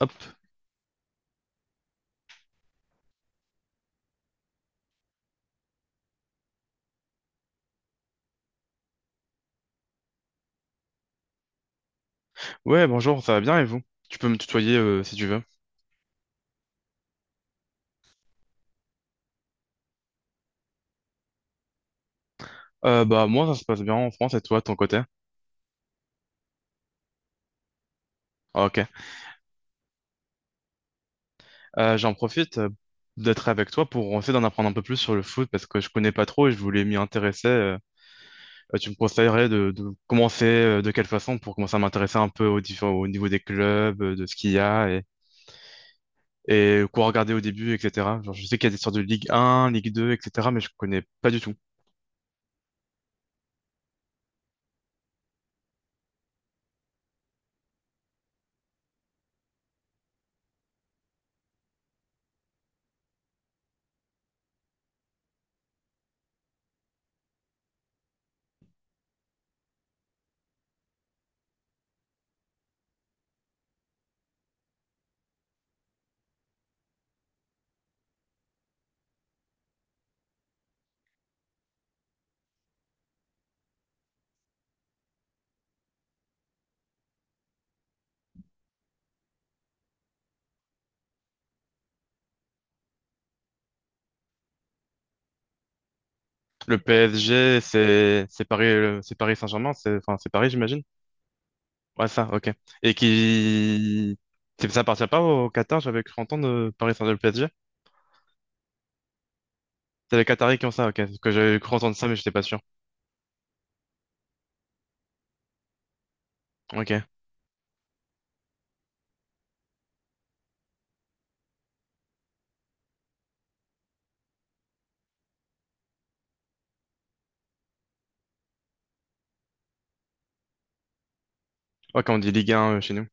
Hop. Ouais, bonjour, ça va bien et vous? Tu peux me tutoyer si tu veux. Bah moi ça se passe bien en France et toi de ton côté? Ah, ok. J'en profite d'être avec toi pour essayer d'en apprendre un peu plus sur le foot parce que je connais pas trop et je voulais m'y intéresser. Tu me conseillerais de commencer de quelle façon pour commencer à m'intéresser un peu aux différents, au niveau des clubs, de ce qu'il y a et quoi regarder au début, etc. Genre, je sais qu'il y a des sortes de Ligue 1, Ligue 2, etc. Mais je connais pas du tout. Le PSG, c'est Paris, c'est Paris Saint-Germain, c'est Paris, j'imagine. Ouais, ça, ok. Et qui... Ça appartient pas au Qatar, j'avais cru entendre Paris Saint-Germain PSG. C'est les Qataris qui ont ça, ok. Parce que j'avais cru entendre ça, mais j'étais pas sûr. Ok. Ouais, quand on dit Ligue 1 chez nous.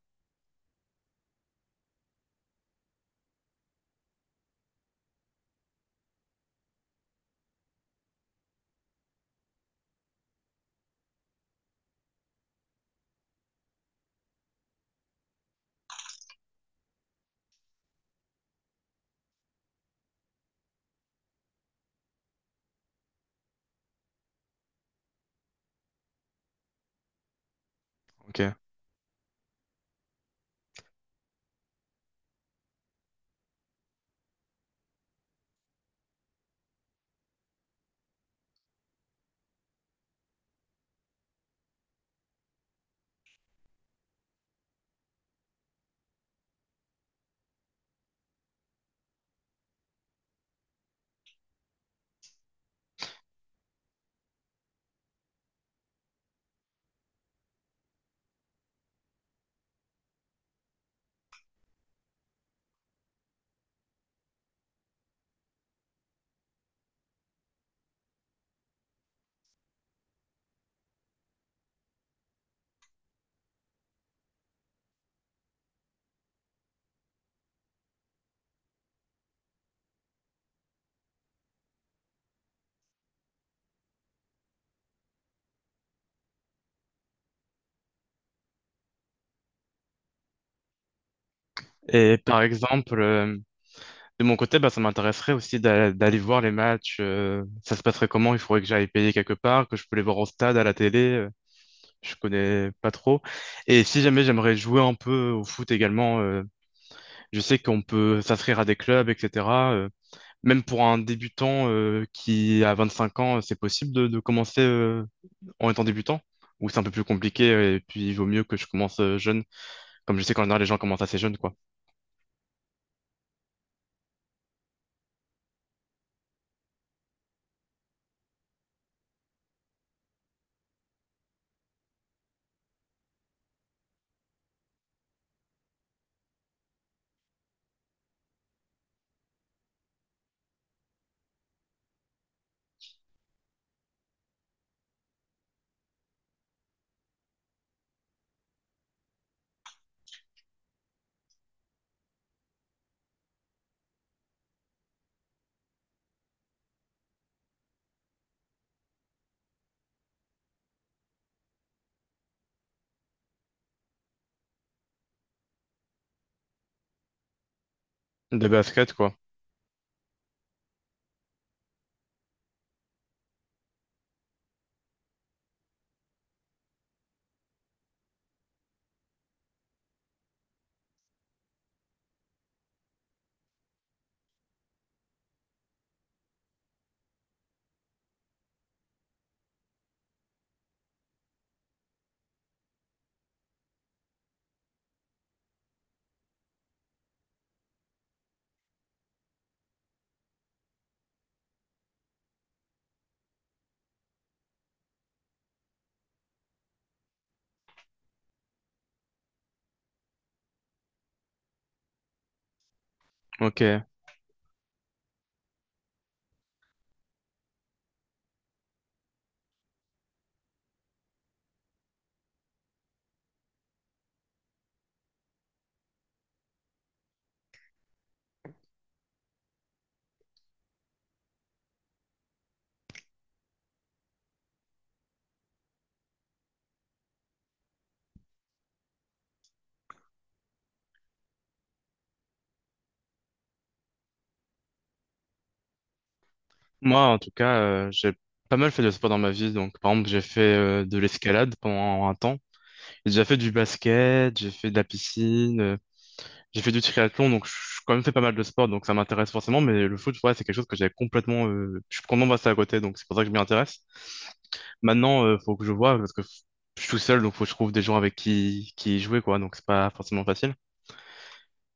Ok. Et par exemple, de mon côté, bah, ça m'intéresserait aussi d'aller voir les matchs. Euh, ça se passerait comment? Il faudrait que j'aille payer quelque part, que je peux les voir au stade, à la télé. Euh, je connais pas trop. Et si jamais j'aimerais jouer un peu au foot également, je sais qu'on peut s'inscrire à des clubs, etc. Même pour un débutant qui a 25 ans, c'est possible de commencer en étant débutant? Ou c'est un peu plus compliqué et puis il vaut mieux que je commence jeune, comme je sais qu'en général les gens commencent assez jeunes, quoi. De basket, quoi. Ok. Moi, en tout cas, j'ai pas mal fait de sport dans ma vie. Donc, par exemple, j'ai fait de l'escalade pendant un temps. J'ai déjà fait du basket, j'ai fait de la piscine. Euh, j'ai fait du triathlon, donc je j'ai quand même fait pas mal de sport, donc ça m'intéresse forcément, mais le foot, ouais, c'est quelque chose que j'avais complètement... je suis complètement passé à côté, donc c'est pour ça que je m'y intéresse. Maintenant, faut que je vois, parce que je suis tout seul, donc faut que je trouve des gens avec qui y jouer, quoi, donc c'est pas forcément facile.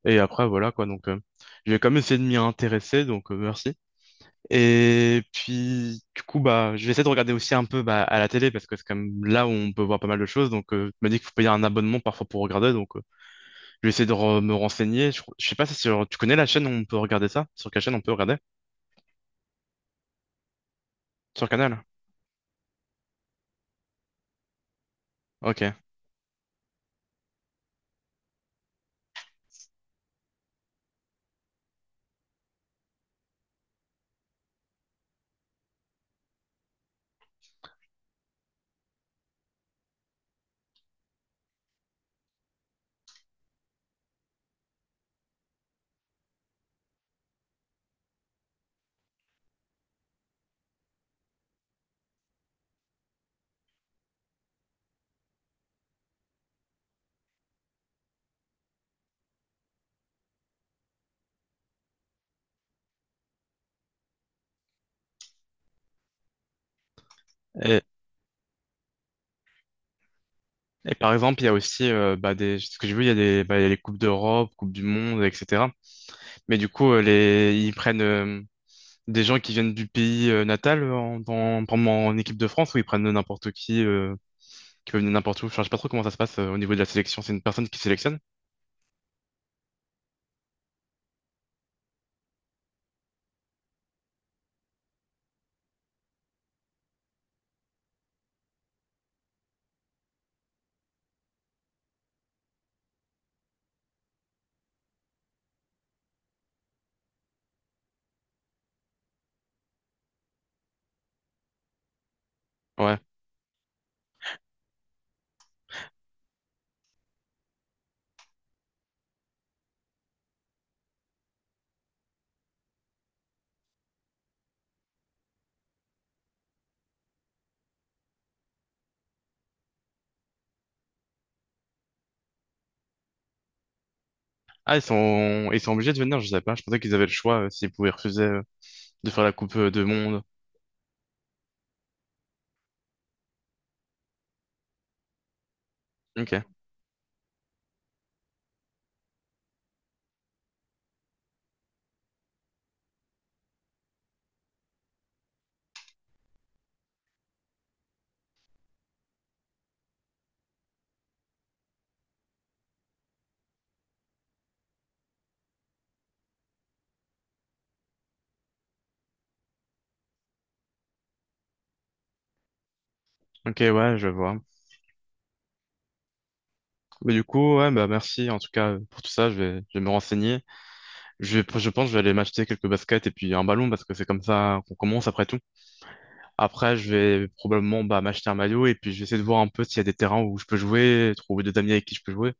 Et après, voilà, quoi, donc j'ai quand même essayé de m'y intéresser, donc merci. Et puis, du coup, bah, je vais essayer de regarder aussi un peu bah, à la télé, parce que c'est quand même là où on peut voir pas mal de choses, donc je me dis qu'il faut payer un abonnement parfois pour regarder, donc... je vais essayer de me renseigner. Je sais pas si tu connais la chaîne où on peut regarder ça? Sur quelle chaîne on peut regarder? Sur Canal? Ok. Et, et par exemple, il y a aussi, bah, des, ce que j'ai vu, il y a des, bah, il y a les Coupes d'Europe, Coupes du Monde, etc. Mais du coup, les, ils prennent des gens qui viennent du pays natal en, dans, par exemple, en équipe de France ou ils prennent n'importe qui peut venir n'importe où. Enfin, je sais pas trop comment ça se passe au niveau de la sélection. C'est une personne qui sélectionne? Ouais. Ah, ils sont obligés de venir, je sais pas. Je pensais qu'ils avaient le choix s'ils pouvaient refuser de faire la Coupe de Monde. Ok. Ok, ouais, je vois. Mais du coup, ouais, bah merci en tout cas pour tout ça. Je vais me renseigner. Je vais, je pense que je vais aller m'acheter quelques baskets et puis un ballon parce que c'est comme ça qu'on commence après tout. Après, je vais probablement bah, m'acheter un maillot et puis je vais essayer de voir un peu s'il y a des terrains où je peux jouer, trouver des amis avec qui je peux jouer.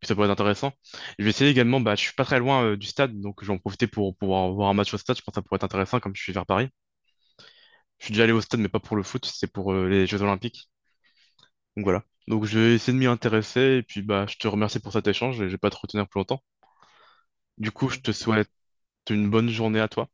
Puis ça pourrait être intéressant. Je vais essayer également, bah, je suis pas très loin du stade donc je vais en profiter pour pouvoir voir un match au stade. Je pense que ça pourrait être intéressant comme je suis vers Paris. Je suis déjà allé au stade mais pas pour le foot, c'est pour les Jeux Olympiques. Donc voilà. Donc je vais essayer de m'y intéresser et puis bah je te remercie pour cet échange et je vais pas te retenir plus longtemps. Du coup, je te souhaite une bonne journée à toi.